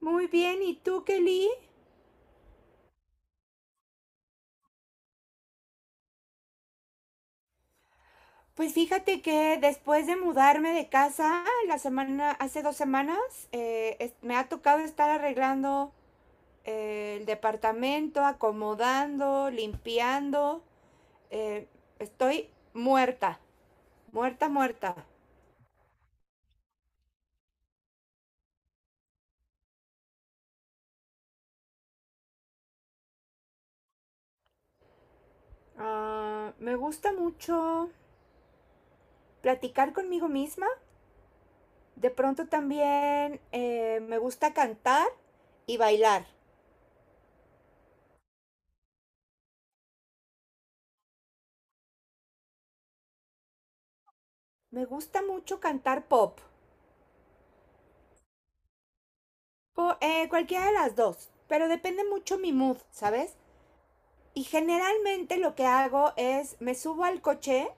Muy bien, ¿y tú, Kelly? Pues fíjate que después de mudarme de casa la semana, hace dos semanas, me ha tocado estar arreglando el departamento, acomodando, limpiando. eh, Estoy muerta, muerta, muerta. Ah, me gusta mucho platicar conmigo misma. De pronto también me gusta cantar y bailar. Me gusta mucho cantar pop. Cualquiera de las dos, pero depende mucho mi mood, ¿sabes? Y generalmente lo que hago es me subo al coche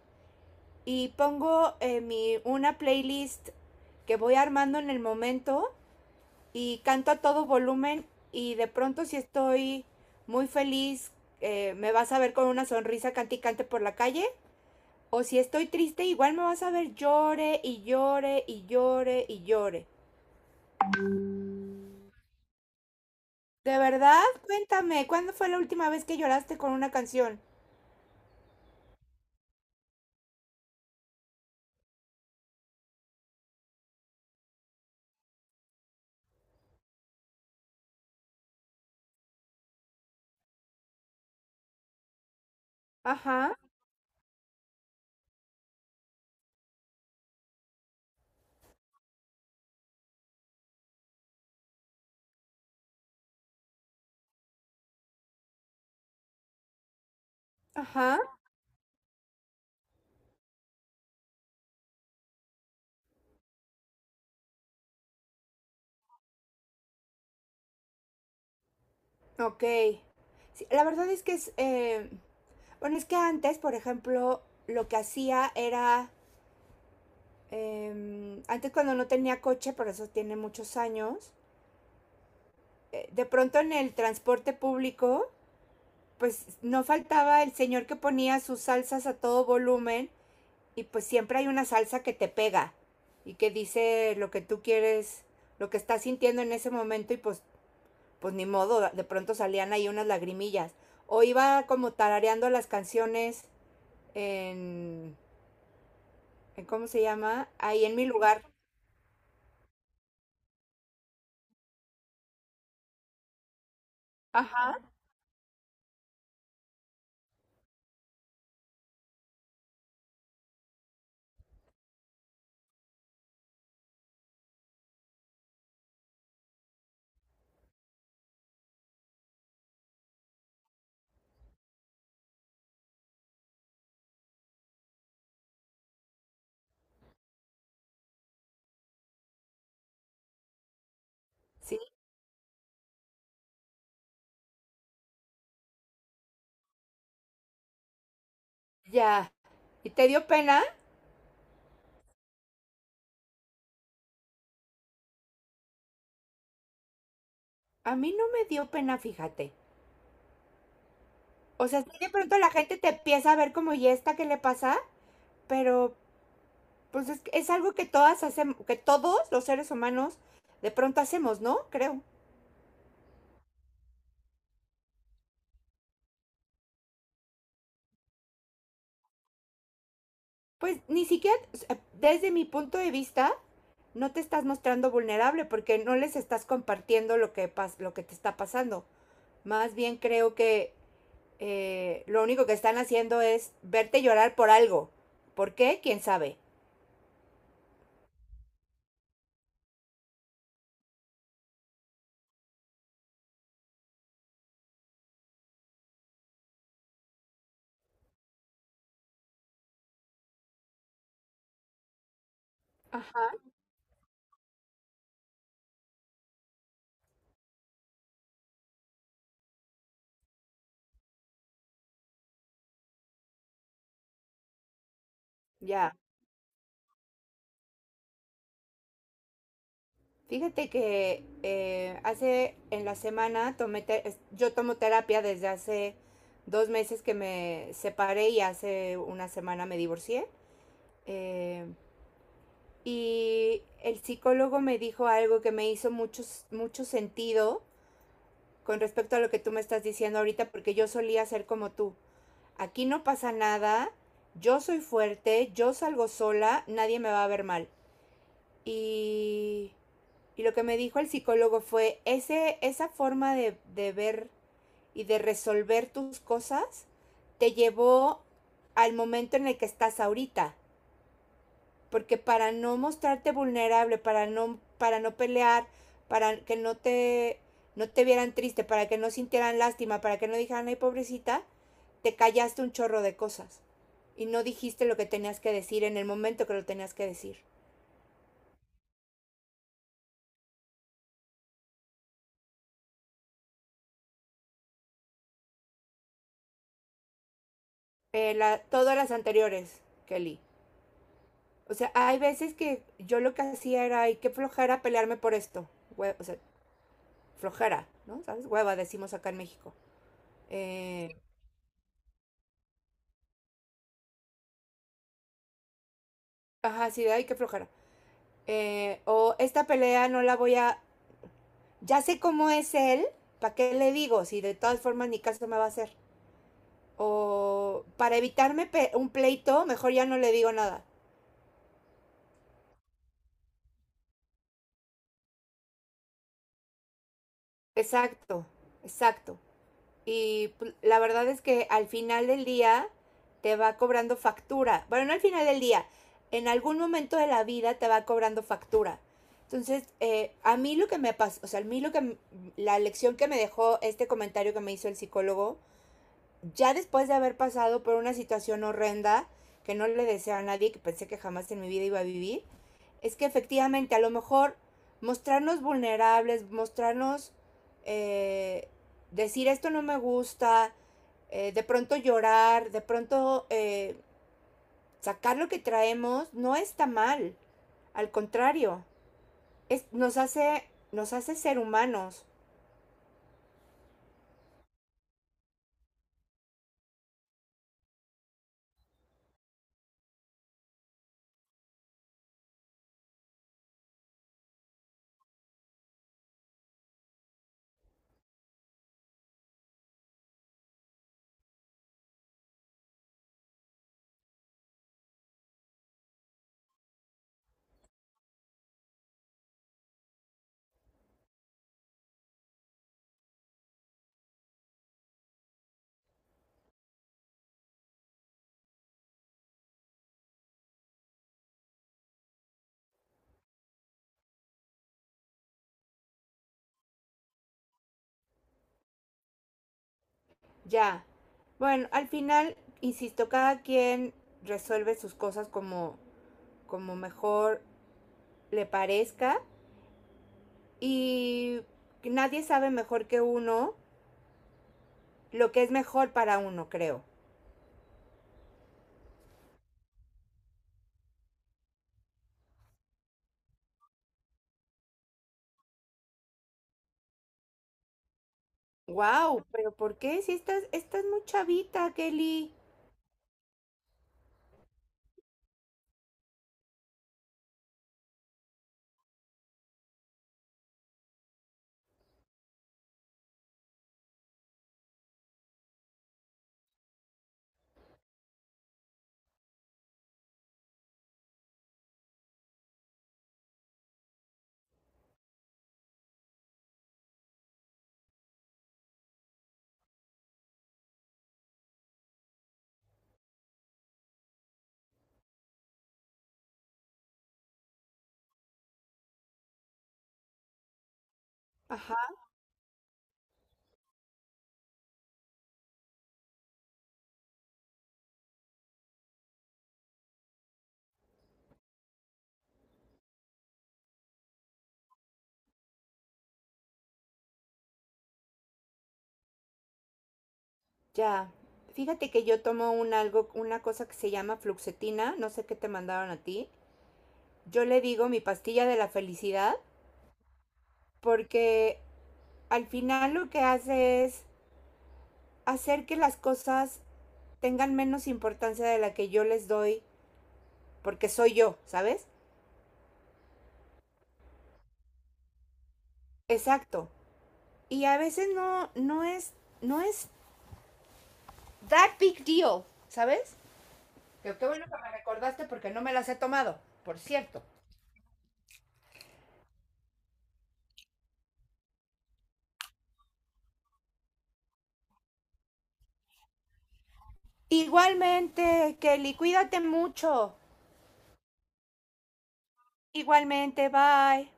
y pongo una playlist que voy armando en el momento y canto a todo volumen, y de pronto si estoy muy feliz, me vas a ver con una sonrisa cante y cante por la calle, o si estoy triste igual me vas a ver llore y llore y llore y llore. De verdad, cuéntame, ¿cuándo fue la última vez que lloraste con una canción? Ajá, ajá, ok. Sí, la verdad es que bueno, es que antes, por ejemplo, lo que hacía era, antes cuando no tenía coche, por eso tiene muchos años, de pronto en el transporte público, pues no faltaba el señor que ponía sus salsas a todo volumen, y pues siempre hay una salsa que te pega y que dice lo que tú quieres, lo que estás sintiendo en ese momento, y pues ni modo, de pronto salían ahí unas lagrimillas. O iba como tarareando las canciones en, en, ¿cómo se llama? Ahí en mi lugar. Ajá. Sí, ya. ¿Y te dio pena? A mí no me dio pena, fíjate. O sea, sí, de pronto la gente te empieza a ver como, ¿y esta qué le pasa? Pero, pues es algo que todas hacemos, que todos los seres humanos de pronto hacemos, ¿no? Creo. Pues ni siquiera, desde mi punto de vista, no te estás mostrando vulnerable porque no les estás compartiendo lo que te está pasando. Más bien creo que lo único que están haciendo es verte llorar por algo. ¿Por qué? ¿Quién sabe? Ajá. Ya. Fíjate que hace en la semana tomé te es- yo tomo terapia desde hace dos meses que me separé, y hace una semana me divorcié. Eh, y el psicólogo me dijo algo que me hizo mucho, mucho sentido con respecto a lo que tú me estás diciendo ahorita, porque yo solía ser como tú. Aquí no pasa nada, yo soy fuerte, yo salgo sola, nadie me va a ver mal. Y, y lo que me dijo el psicólogo fue, esa forma de ver y de resolver tus cosas te llevó al momento en el que estás ahorita, porque para no mostrarte vulnerable, para no pelear, para que no te, no te vieran triste, para que no sintieran lástima, para que no dijeran, ay, pobrecita, te callaste un chorro de cosas y no dijiste lo que tenías que decir en el momento que lo tenías que decir. La, todas las anteriores, Kelly. O sea, hay veces que yo lo que hacía era, ay, qué flojera pelearme por esto. Hue O sea, flojera, ¿no? ¿Sabes? Hueva, decimos acá en México. Eh, ajá, sí, ay, qué flojera. O esta pelea no la voy a, Ya sé cómo es él, ¿para qué le digo? Si de todas formas ni caso me va a hacer. O para un pleito, mejor ya no le digo nada. Exacto, exacto. Y pues, la verdad es que al final del día te va cobrando factura. Bueno, no al final del día, en algún momento de la vida te va cobrando factura. Entonces, a mí lo que me pasó, o sea, a mí lo que, la lección que me dejó este comentario que me hizo el psicólogo ya después de haber pasado por una situación horrenda que no le deseo a nadie, que pensé que jamás en mi vida iba a vivir, es que efectivamente a lo mejor mostrarnos vulnerables, eh, decir esto no me gusta, de pronto llorar, de pronto sacar lo que traemos, no está mal. Al contrario, es, nos, hace, nos hace ser humanos. Ya. Bueno, al final, insisto, cada quien resuelve sus cosas como, como mejor le parezca, y nadie sabe mejor que uno lo que es mejor para uno, creo. Wow, pero ¿por qué? Si estás, estás muy chavita, Kelly. Ajá, ya. Fíjate que yo tomo un algo, una cosa que se llama fluxetina, no sé qué te mandaron a ti. Yo le digo mi pastilla de la felicidad, porque al final lo que hace es hacer que las cosas tengan menos importancia de la que yo les doy porque soy yo, ¿sabes? Exacto. Y a veces no es, no es that big deal, ¿sabes? Qué bueno que me recordaste porque no me las he tomado, por cierto. Igualmente, Kelly, cuídate mucho. Igualmente, bye.